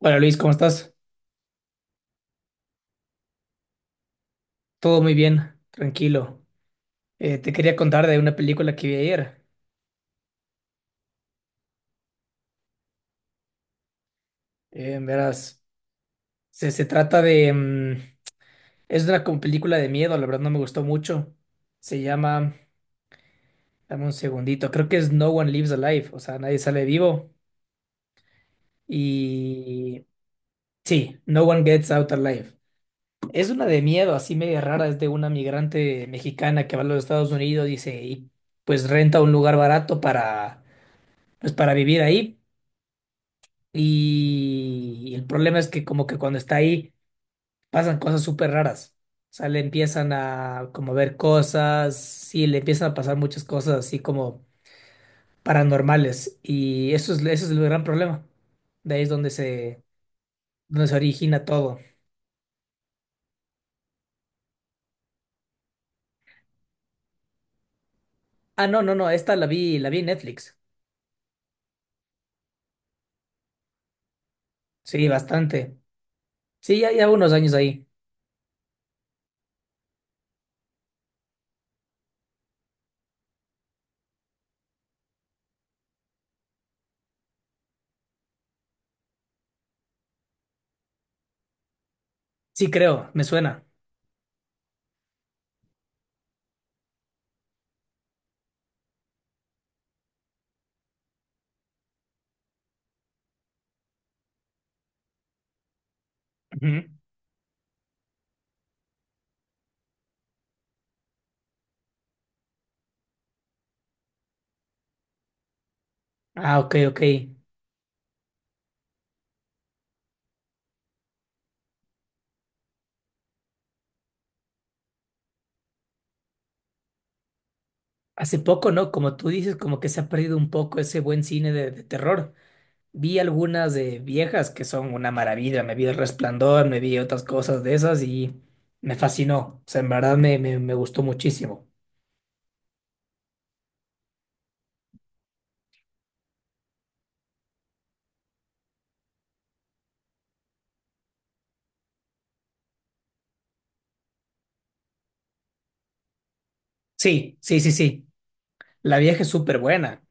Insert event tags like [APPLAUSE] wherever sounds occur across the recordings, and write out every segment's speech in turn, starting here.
Hola Luis, ¿cómo estás? Todo muy bien, tranquilo. Te quería contar de una película que vi ayer. Verás, se trata de... es una como película de miedo, la verdad no me gustó mucho. Se llama... Dame un segundito, creo que es No One Lives Alive, o sea, nadie sale vivo. Y... Sí, No One Gets Out Alive. Es una de miedo, así media rara, es de una migrante mexicana que va a los Estados Unidos, dice, y pues renta un lugar barato para, pues, para vivir ahí. Y el problema es que como que cuando está ahí pasan cosas súper raras. O sea, le empiezan a como ver cosas, sí, le empiezan a pasar muchas cosas así como paranormales. Y eso es el gran problema. De ahí es donde se, Donde se origina todo. Ah, no, no, no, esta la vi en Netflix. Sí, bastante. Sí, ya, ya unos años ahí. Sí, creo, me suena. Ujú. Ah, ok, ok. Hace poco, ¿no? Como tú dices, como que se ha perdido un poco ese buen cine de terror. Vi algunas de viejas que son una maravilla. Me vi El Resplandor, me vi otras cosas de esas y me fascinó. O sea, en verdad me gustó muchísimo. Sí, sí, sí, sí. La vieja es súper buena.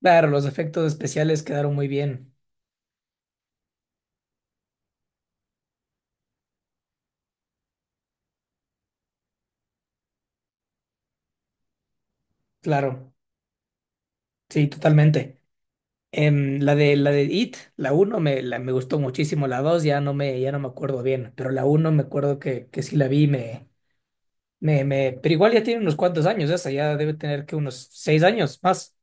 Claro, los efectos especiales quedaron muy bien. Claro, sí, totalmente. La de, la de It, la uno me gustó muchísimo. La 2 ya no me acuerdo bien. Pero la uno me acuerdo que sí la vi, me, me, me. Pero igual ya tiene unos cuantos años esa, ya debe tener que unos 6 años más.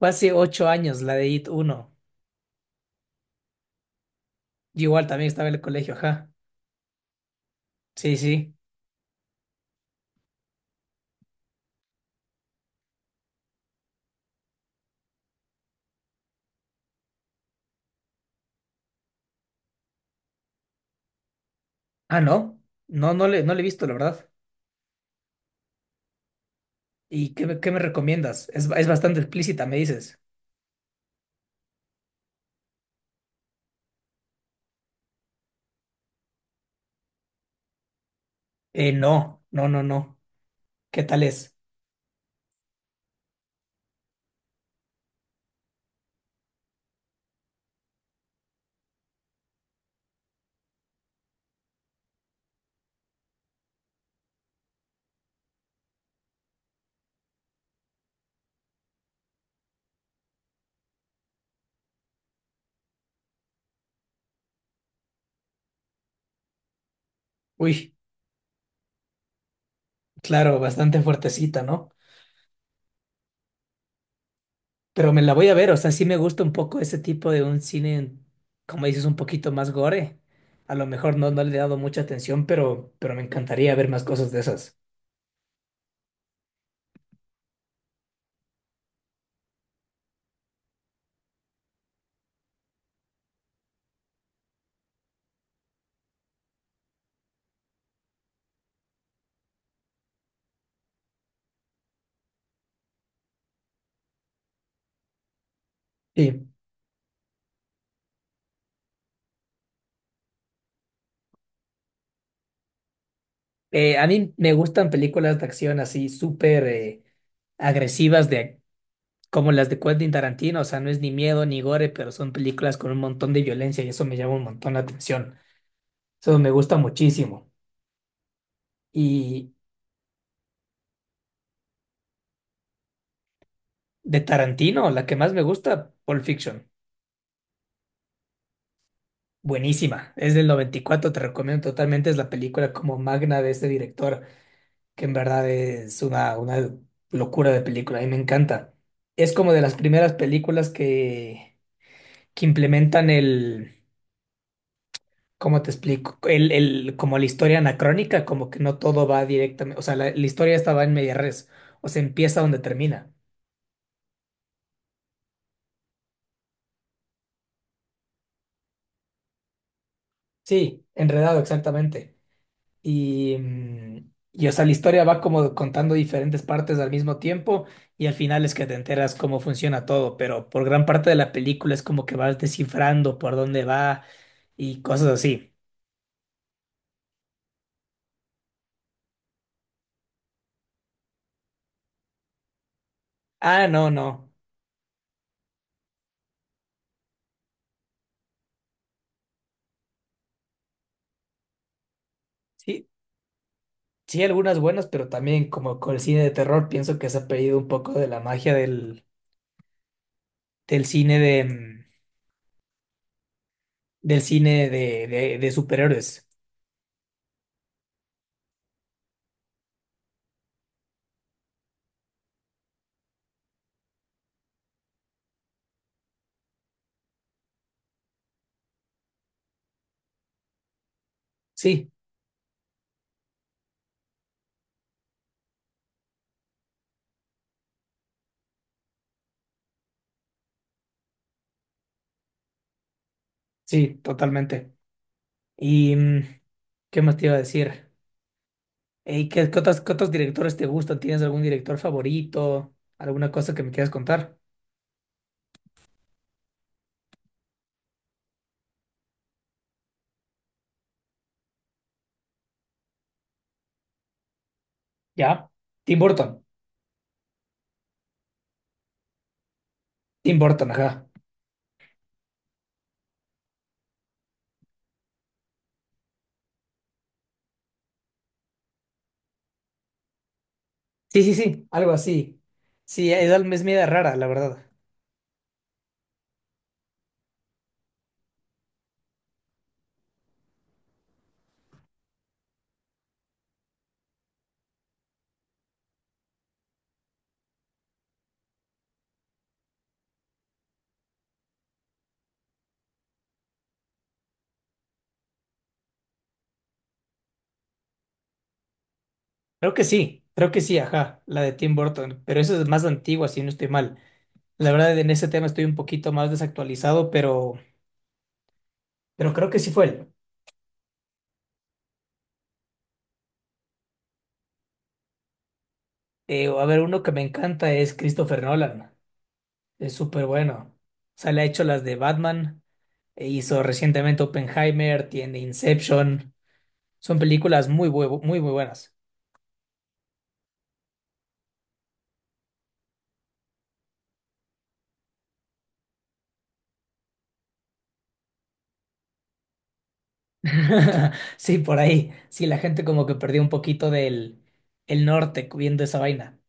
Fue hace ocho años la de IT 1. Yo igual también estaba en el colegio, ajá. Sí, sí. Ah, no. No, no le he visto, la verdad. ¿Y qué, qué me recomiendas? Es bastante explícita, me dices. No, no, no, no. ¿Qué tal es? Uy, claro, bastante fuertecita, ¿no? Pero me la voy a ver, o sea, sí me gusta un poco ese tipo de un cine, como dices, un poquito más gore. A lo mejor no, no le he dado mucha atención, pero me encantaría ver más cosas de esas. Sí. A mí me gustan películas de acción así súper agresivas de como las de Quentin Tarantino, o sea, no es ni miedo ni gore, pero son películas con un montón de violencia y eso me llama un montón la atención. Eso me gusta muchísimo. Y de Tarantino, la que más me gusta, Pulp Fiction. Buenísima. Es del noventa y cuatro, te recomiendo totalmente. Es la película como magna de este director, que en verdad es una locura de película. A mí me encanta. Es como de las primeras películas que implementan el, ¿cómo te explico? Como la historia anacrónica, como que no todo va directamente, o sea, la historia estaba en media res, o sea, empieza donde termina. Sí, enredado, exactamente. Y, y, o sea, la historia va como contando diferentes partes al mismo tiempo y al final es que te enteras cómo funciona todo, pero por gran parte de la película es como que vas descifrando por dónde va y cosas así. Ah, no, no. Sí, sí, algunas buenas, pero también como con el cine de terror pienso que se ha perdido un poco de la magia del, del cine de mm, del cine de, de superhéroes. Sí, sí, totalmente. ¿Y qué más te iba a decir? ¿Y qué, qué otros directores te gustan? ¿Tienes algún director favorito? ¿Alguna cosa que me quieras contar? ¿Ya? Tim Burton. Tim Burton, ajá. Sí, sí, sí, algo así. Sí, es media rara, la verdad. Creo que sí, ajá, la de Tim Burton, pero esa es más antigua, si no estoy mal. La verdad, en ese tema estoy un poquito más desactualizado, pero creo que sí fue él. A ver, uno que me encanta es Christopher Nolan. Es súper bueno. O sea, le ha hecho las de Batman, e hizo recientemente Oppenheimer, tiene Inception. Son películas muy, muy buenas. [LAUGHS] Sí, por ahí. Sí, la gente como que perdió un poquito del el norte viendo esa vaina.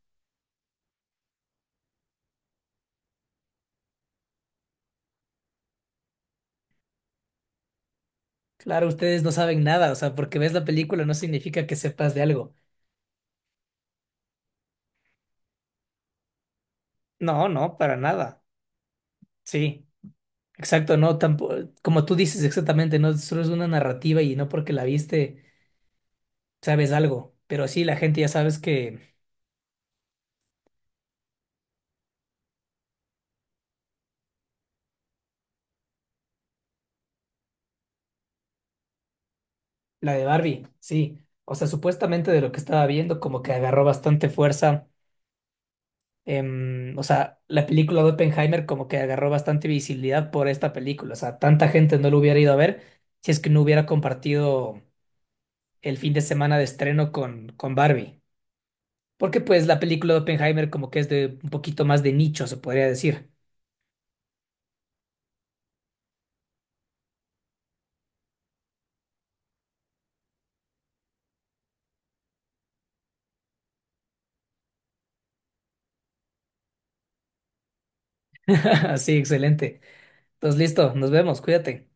Claro, ustedes no saben nada, o sea, porque ves la película no significa que sepas de algo. No, no, para nada. Sí. Exacto, no, tampoco, como tú dices exactamente, no solo es una narrativa y no porque la viste sabes algo, pero sí la gente ya sabes que la de Barbie, sí, o sea, supuestamente de lo que estaba viendo como que agarró bastante fuerza, o sea, la película de Oppenheimer como que agarró bastante visibilidad por esta película, o sea, tanta gente no lo hubiera ido a ver si es que no hubiera compartido el fin de semana de estreno con Barbie, porque pues la película de Oppenheimer como que es de un poquito más de nicho, se podría decir. [LAUGHS] Sí, excelente. Entonces, listo, nos vemos, cuídate.